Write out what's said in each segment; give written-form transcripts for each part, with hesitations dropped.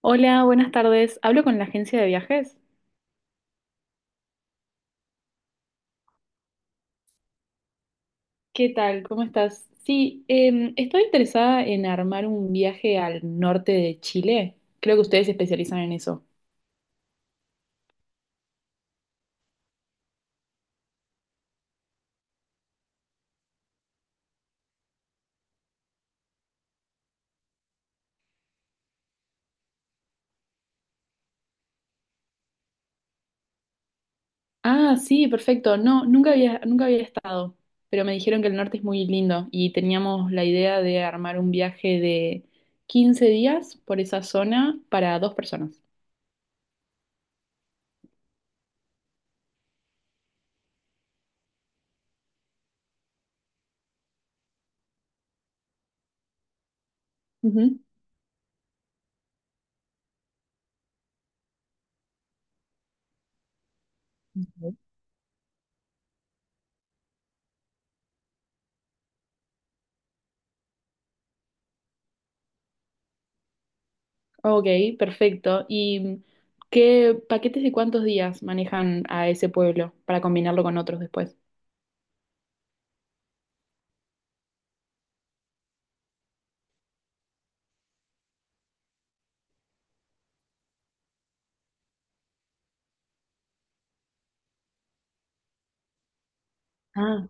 Hola, buenas tardes. Hablo con la agencia de viajes. ¿Qué tal? ¿Cómo estás? Sí, estoy interesada en armar un viaje al norte de Chile. Creo que ustedes se especializan en eso. Ah, sí, perfecto. No, nunca había estado, pero me dijeron que el norte es muy lindo y teníamos la idea de armar un viaje de 15 días por esa zona para dos personas. Ujú. Ok, perfecto. ¿Y qué paquetes de cuántos días manejan a ese pueblo para combinarlo con otros después? Ah,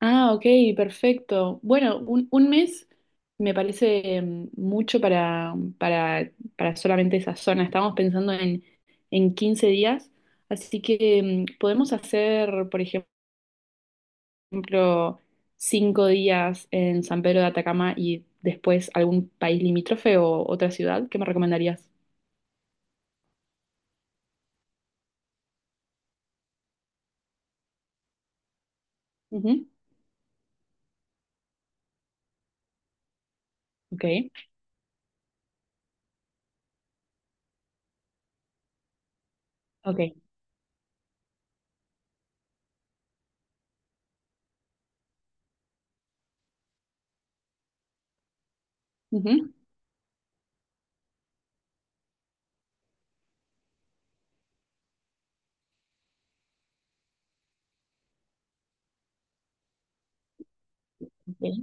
Ah, ok, perfecto. Bueno, 1 mes me parece mucho para solamente esa zona. Estamos pensando en 15 días, así que podemos hacer, por ejemplo, 5 días en San Pedro de Atacama y después algún país limítrofe o otra ciudad. ¿Qué me recomendarías? Ujú. Ok. Ok. Ujú. Ok.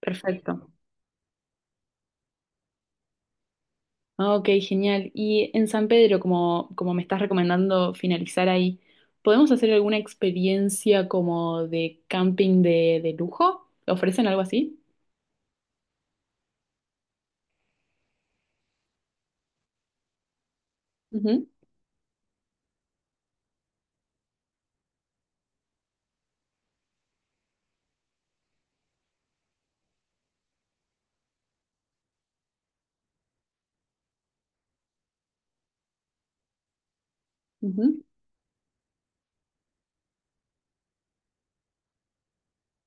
Perfecto. Ah, ok, genial. Y en San Pedro, como me estás recomendando finalizar ahí, ¿podemos hacer alguna experiencia como de camping de lujo? ¿Ofrecen algo así? Ujú, ujú.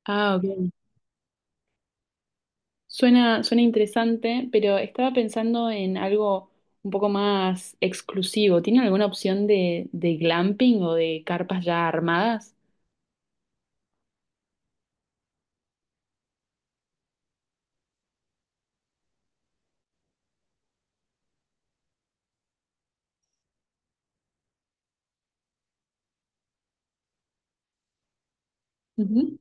Ah, ok. Suena interesante, pero estaba pensando en algo un poco más exclusivo. ¿Tienen alguna opción de glamping o de carpas ya armadas? Ujú.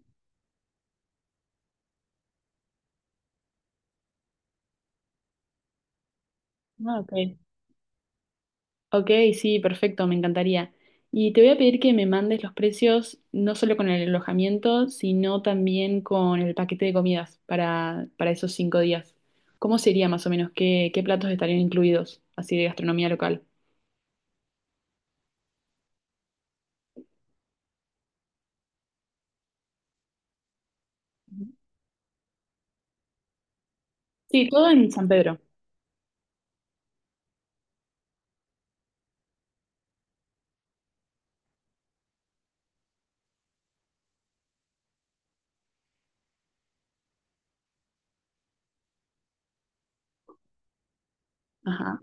Ah, ok. Ok, sí, perfecto, me encantaría. Y te voy a pedir que me mandes los precios, no solo con el alojamiento, sino también con el paquete de comidas para esos 5 días. ¿Cómo sería más o menos? ¿ qué platos estarían incluidos, así de gastronomía local? Ujú. Sí, todo en San Pedro. Ajá.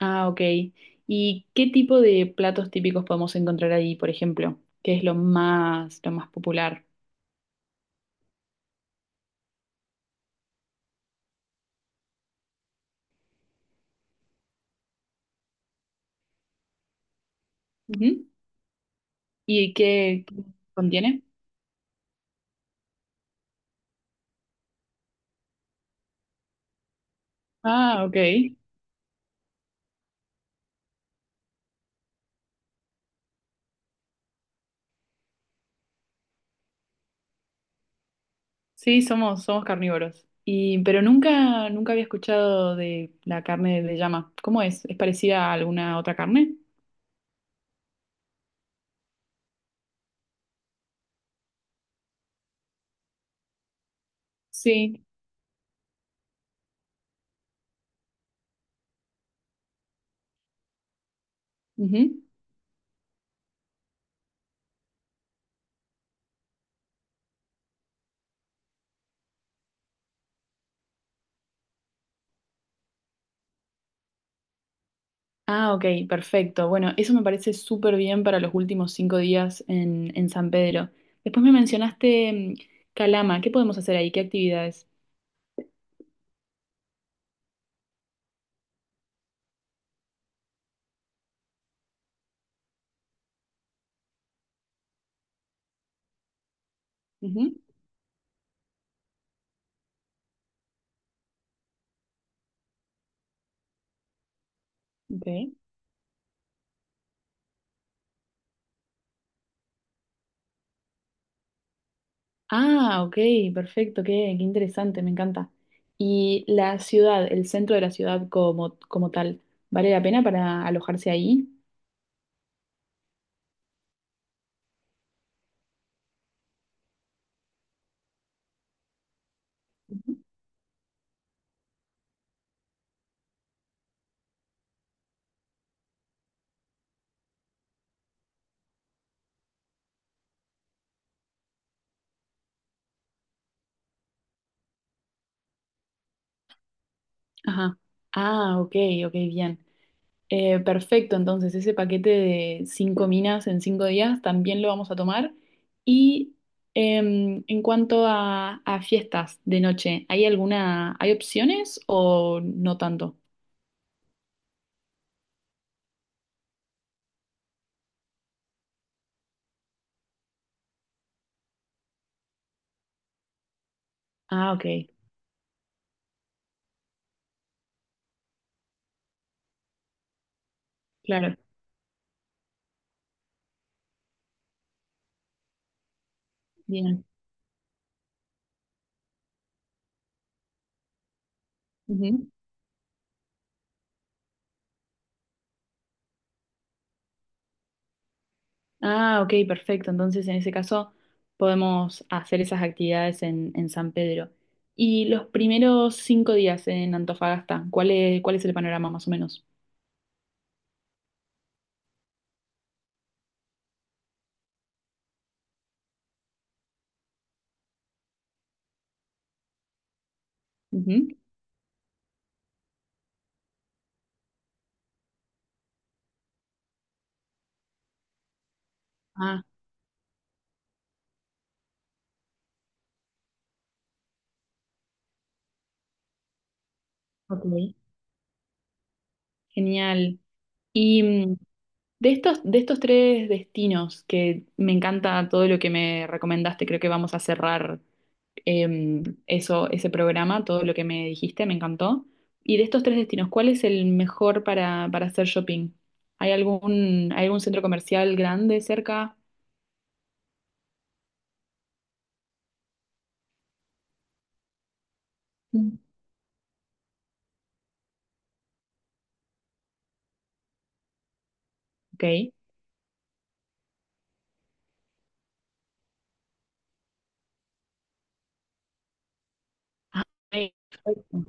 Ah, ok. ¿Y qué tipo de platos típicos podemos encontrar ahí, por ejemplo? ¿Qué es lo más popular? Ujú. ¿Y qué contiene? Ah, ok. Sí, somos carnívoros. Y, pero nunca había escuchado de la carne de llama. ¿Cómo es? ¿Es parecida a alguna otra carne? Sí. Ujú. Ah, ok, perfecto. Bueno, eso me parece súper bien para los últimos 5 días en San Pedro. Después me mencionaste Calama. ¿Qué podemos hacer ahí? ¿Qué actividades? Ujú. Ok. Ah, ok, perfecto. Qué interesante, me encanta. Y la ciudad, el centro de la ciudad como tal, ¿vale la pena para alojarse ahí? Ajá. Ah, ok, ok, bien. Perfecto, entonces ese paquete de 5 minas en 5 días también lo vamos a tomar. Y en cuanto a fiestas de noche, ¿hay alguna, hay opciones o no tanto? Ah, ok, claro, bien. Ujú. Ah, ok, perfecto. Entonces, en ese caso, podemos hacer esas actividades en San Pedro. Y los primeros 5 días en Antofagasta, cuál es el panorama más o menos? Ah, ok. Genial. Y de estos tres destinos, que me encanta todo lo que me recomendaste, creo que vamos a cerrar eso, ese programa, todo lo que me dijiste, me encantó. Y de estos tres destinos, ¿cuál es el mejor para hacer shopping? Hay algún centro comercial grande cerca? Mm. Ok. Perfecto.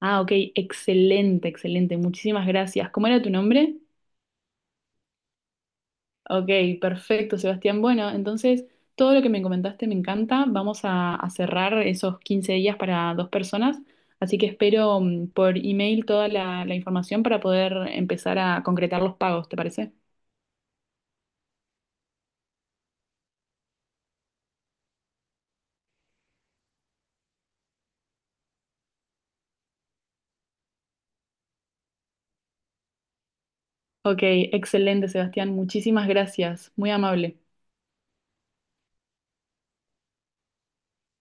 Ah, ok, excelente, excelente. Muchísimas gracias. ¿Cómo era tu nombre? Ok, perfecto, Sebastián. Bueno, entonces todo lo que me comentaste me encanta. Vamos a cerrar esos 15 días para dos personas, así que espero por email toda la información para poder empezar a concretar los pagos, ¿te parece? Ok, excelente, Sebastián. Muchísimas gracias. Muy amable.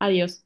Adiós.